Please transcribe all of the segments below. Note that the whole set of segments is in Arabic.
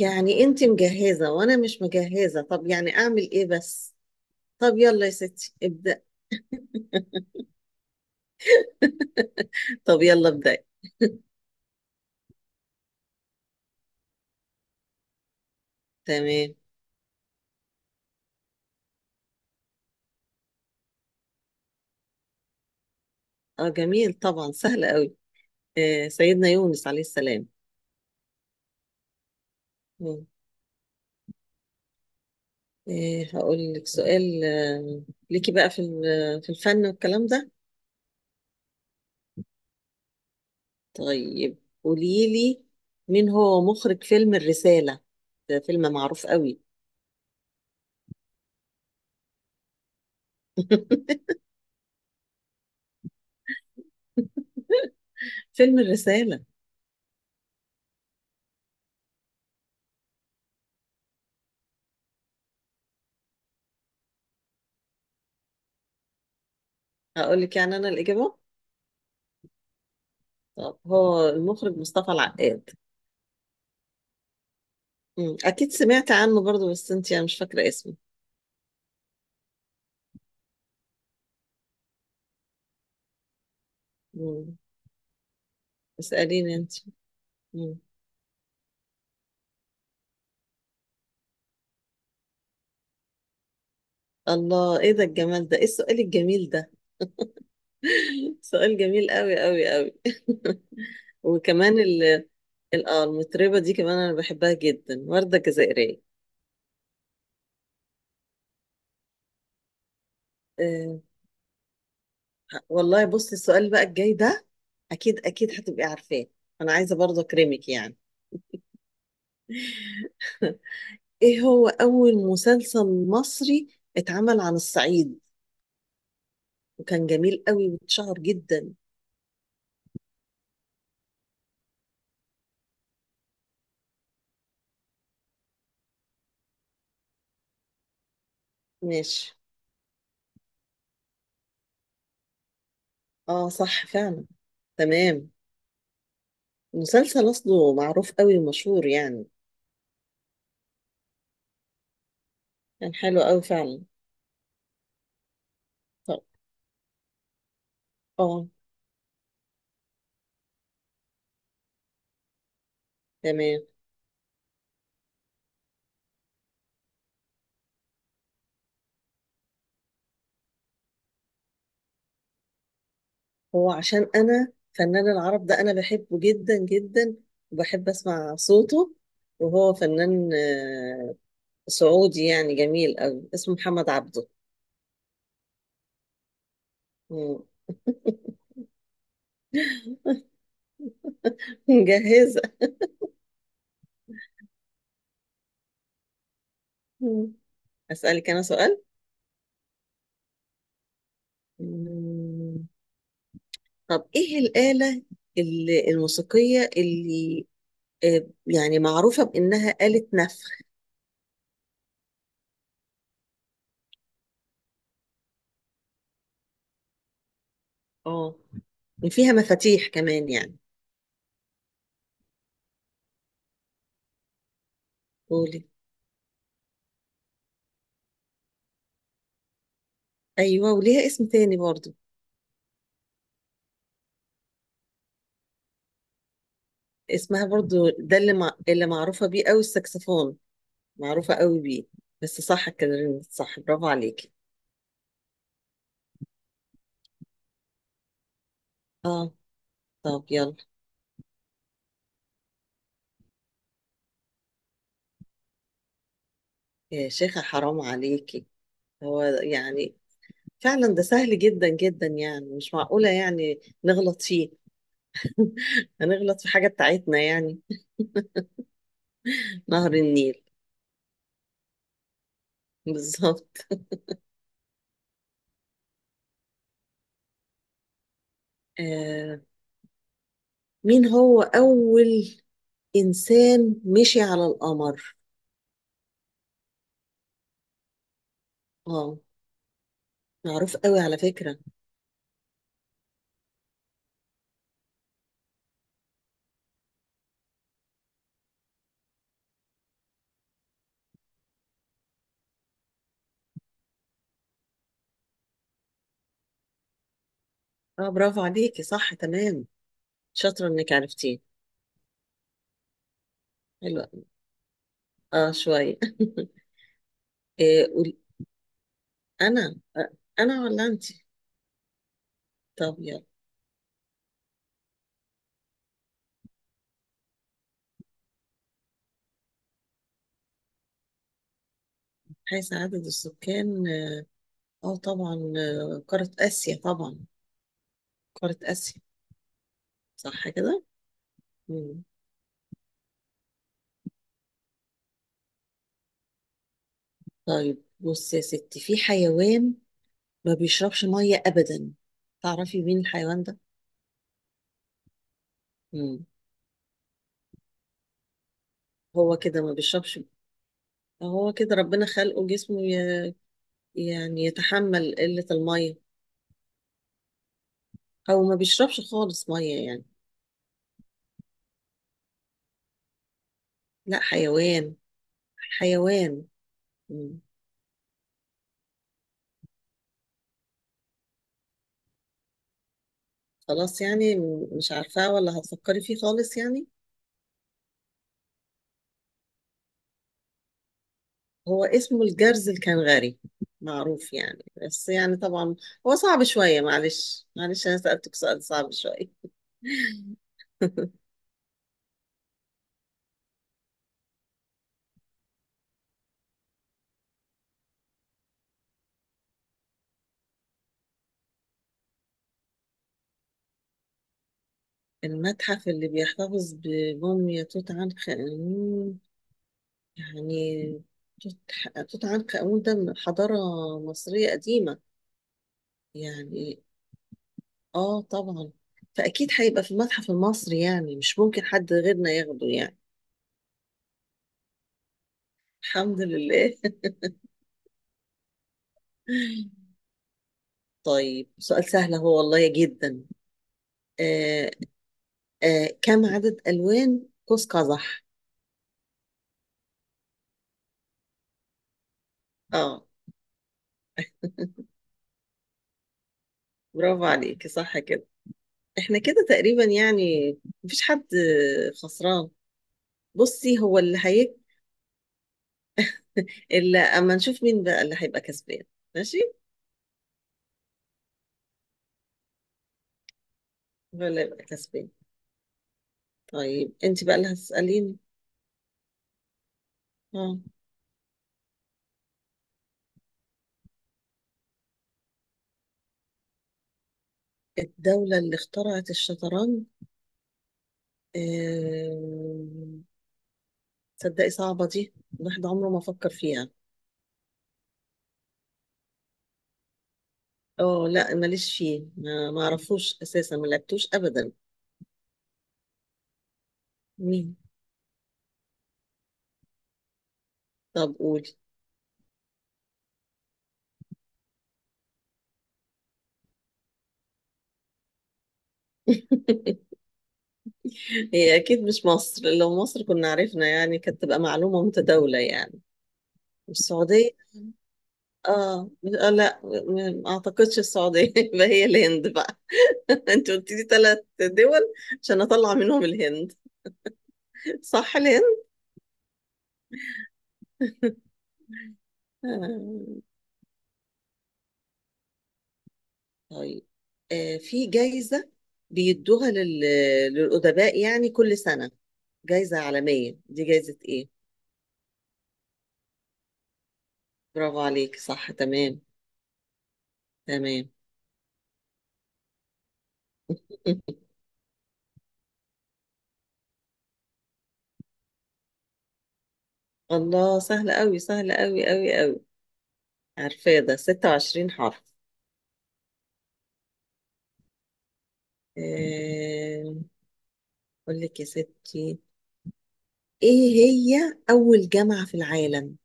يعني انت مجهزة وانا مش مجهزة، طب يعني اعمل ايه بس. طب يلا يا ستي ابدأ. طب يلا ابدأ. تمام. اه جميل طبعا، سهل قوي. آه سيدنا يونس عليه السلام. مم. آه هقول لك سؤال ليكي بقى في الفن والكلام ده. طيب قولي لي، مين هو مخرج فيلم الرسالة؟ ده فيلم معروف قوي. فيلم الرسالة. هقول لك يعني انا الإجابة. طب هو المخرج مصطفى العقاد. مم. أكيد سمعت عنه برضو بس أنت يعني مش فاكرة اسمه. مم. اسأليني أنت. مم. الله، إيه ده الجمال ده، إيه السؤال الجميل ده؟ سؤال جميل قوي قوي قوي وكمان المطربة دي كمان أنا بحبها جدا، وردة جزائرية. آه، والله بصي السؤال بقى الجاي ده، أكيد أكيد هتبقي عارفاه. أنا عايزة برضو أكرمك يعني. إيه هو أول مسلسل مصري اتعمل عن الصعيد، وكان جميل قوي واتشهر جدا. ماشي. اه صح فعلا. تمام. مسلسل اصله معروف قوي ومشهور يعني. كان حلو قوي فعلا. طب. اه. تمام. هو عشان انا فنان العرب ده انا بحبه جدا جدا، وبحب اسمع صوته، وهو فنان سعودي، يعني جميل قوي، اسمه محمد عبده. مم. مجهزة. مم. اسالك انا سؤال. مم. طب ايه الآلة الموسيقية اللي يعني معروفة بإنها آلة نفخ، اه فيها مفاتيح كمان يعني. قولي. أيوة، وليها اسم تاني برضو. اسمها برضو ده اللي معروفة بيه أوي، السكسفون. معروفة أوي بيه. بس صح كده، صح، برافو عليكي. اه. طب يلا. يا شيخة حرام عليكي، هو يعني فعلا ده سهل جدا جدا يعني، مش معقولة يعني نغلط فيه. هنغلط في حاجة بتاعتنا يعني. نهر النيل. بالظبط. آه مين هو أول إنسان مشي على القمر؟ آه معروف قوي على فكرة. آه برافو عليكي، صح تمام، شاطرة إنك عرفتيه. حلو أوي. آه شوية. إيه قول. أنا أنا ولا أنت؟ طب يلا. حيث عدد السكان، طبعا، قارة آسيا طبعا، قارة آسيا. صح كده؟ مم. طيب بص يا ستي، في حيوان ما بيشربش مية أبدا، تعرفي مين الحيوان ده؟ مم. هو كده ما بيشربش، هو كده ربنا خلقه جسمه يعني يتحمل قلة المية، أو ما بيشربش خالص مية يعني. لا حيوان، حيوان. مم. خلاص يعني، مش عارفاه ولا هتفكري فيه خالص يعني. هو اسمه الجرز الكنغري، معروف يعني بس يعني طبعا هو صعب شوية، معلش معلش، أنا سألتك سؤال صعب شوية. المتحف اللي بيحتفظ بموميا توت عنخ آمون يعني. توت توت عنخ آمون ده من حضارة مصرية قديمة يعني، اه طبعا، فأكيد هيبقى في المتحف المصري يعني، مش ممكن حد غيرنا ياخده يعني. الحمد لله. طيب سؤال سهل، هو والله جدا. آه. آه كم عدد ألوان قوس قزح؟ اه. برافو عليكي، صح كده. احنا كده تقريبا يعني، مفيش حد خسران. بصي هو اللي هيك، اللي اما نشوف مين بقى اللي هيبقى كسبان. ماشي. ولا يبقى كسبان. طيب انت بقى اللي هتسأليني. اه. الدولة اللي اخترعت الشطرنج. آم، تصدقي صعبة دي، الواحد عمره ما فكر فيها. اه لا ماليش فيه، ما اعرفوش اساسا، ما لعبتوش ابدا. مين. طب قولي. هي اكيد مش مصر، لو مصر كنا عرفنا يعني، كانت تبقى معلومة متداولة يعني. السعودية، اه. لا، ما اعتقدش السعودية. يبقى هي الهند بقى، انت قلت لي ثلاث دول، عشان اطلع منهم الهند. صح، الهند. آه. طيب. في جايزة بيدوها لل... للأدباء يعني كل سنة، جايزة عالمية، دي جايزة ايه؟ برافو عليك، صح تمام. تمام. الله سهل قوي، سهل قوي قوي قوي، عارفاه ده، 26 حرف. آه، اقول لك يا ستي، ايه هي اول جامعة في العالم؟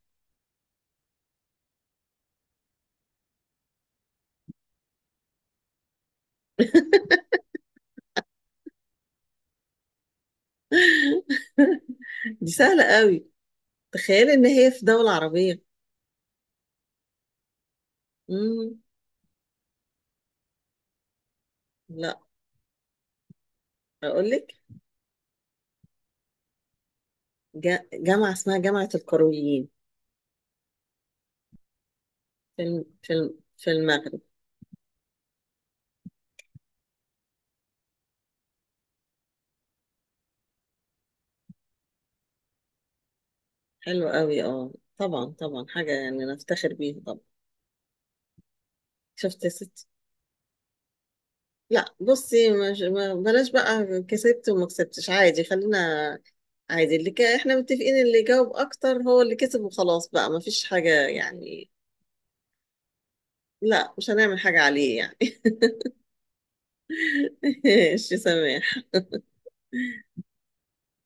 دي سهلة قوي، تخيل ان هي في دولة عربية. امم. لا. اقول لك. جامعة اسمها جامعة القرويين، في المغرب. حلو قوي، اه طبعا طبعا، حاجة يعني نفتخر بيها طبعا. شفت يا ستي. لا بصي مش، ما بلاش بقى كسبت وما كسبتش، عادي، خلينا عادي. احنا متفقين اللي جاوب اكتر هو اللي كسب، وخلاص بقى، ما فيش حاجة يعني. لا مش هنعمل حاجة عليه يعني. ماشي سامح.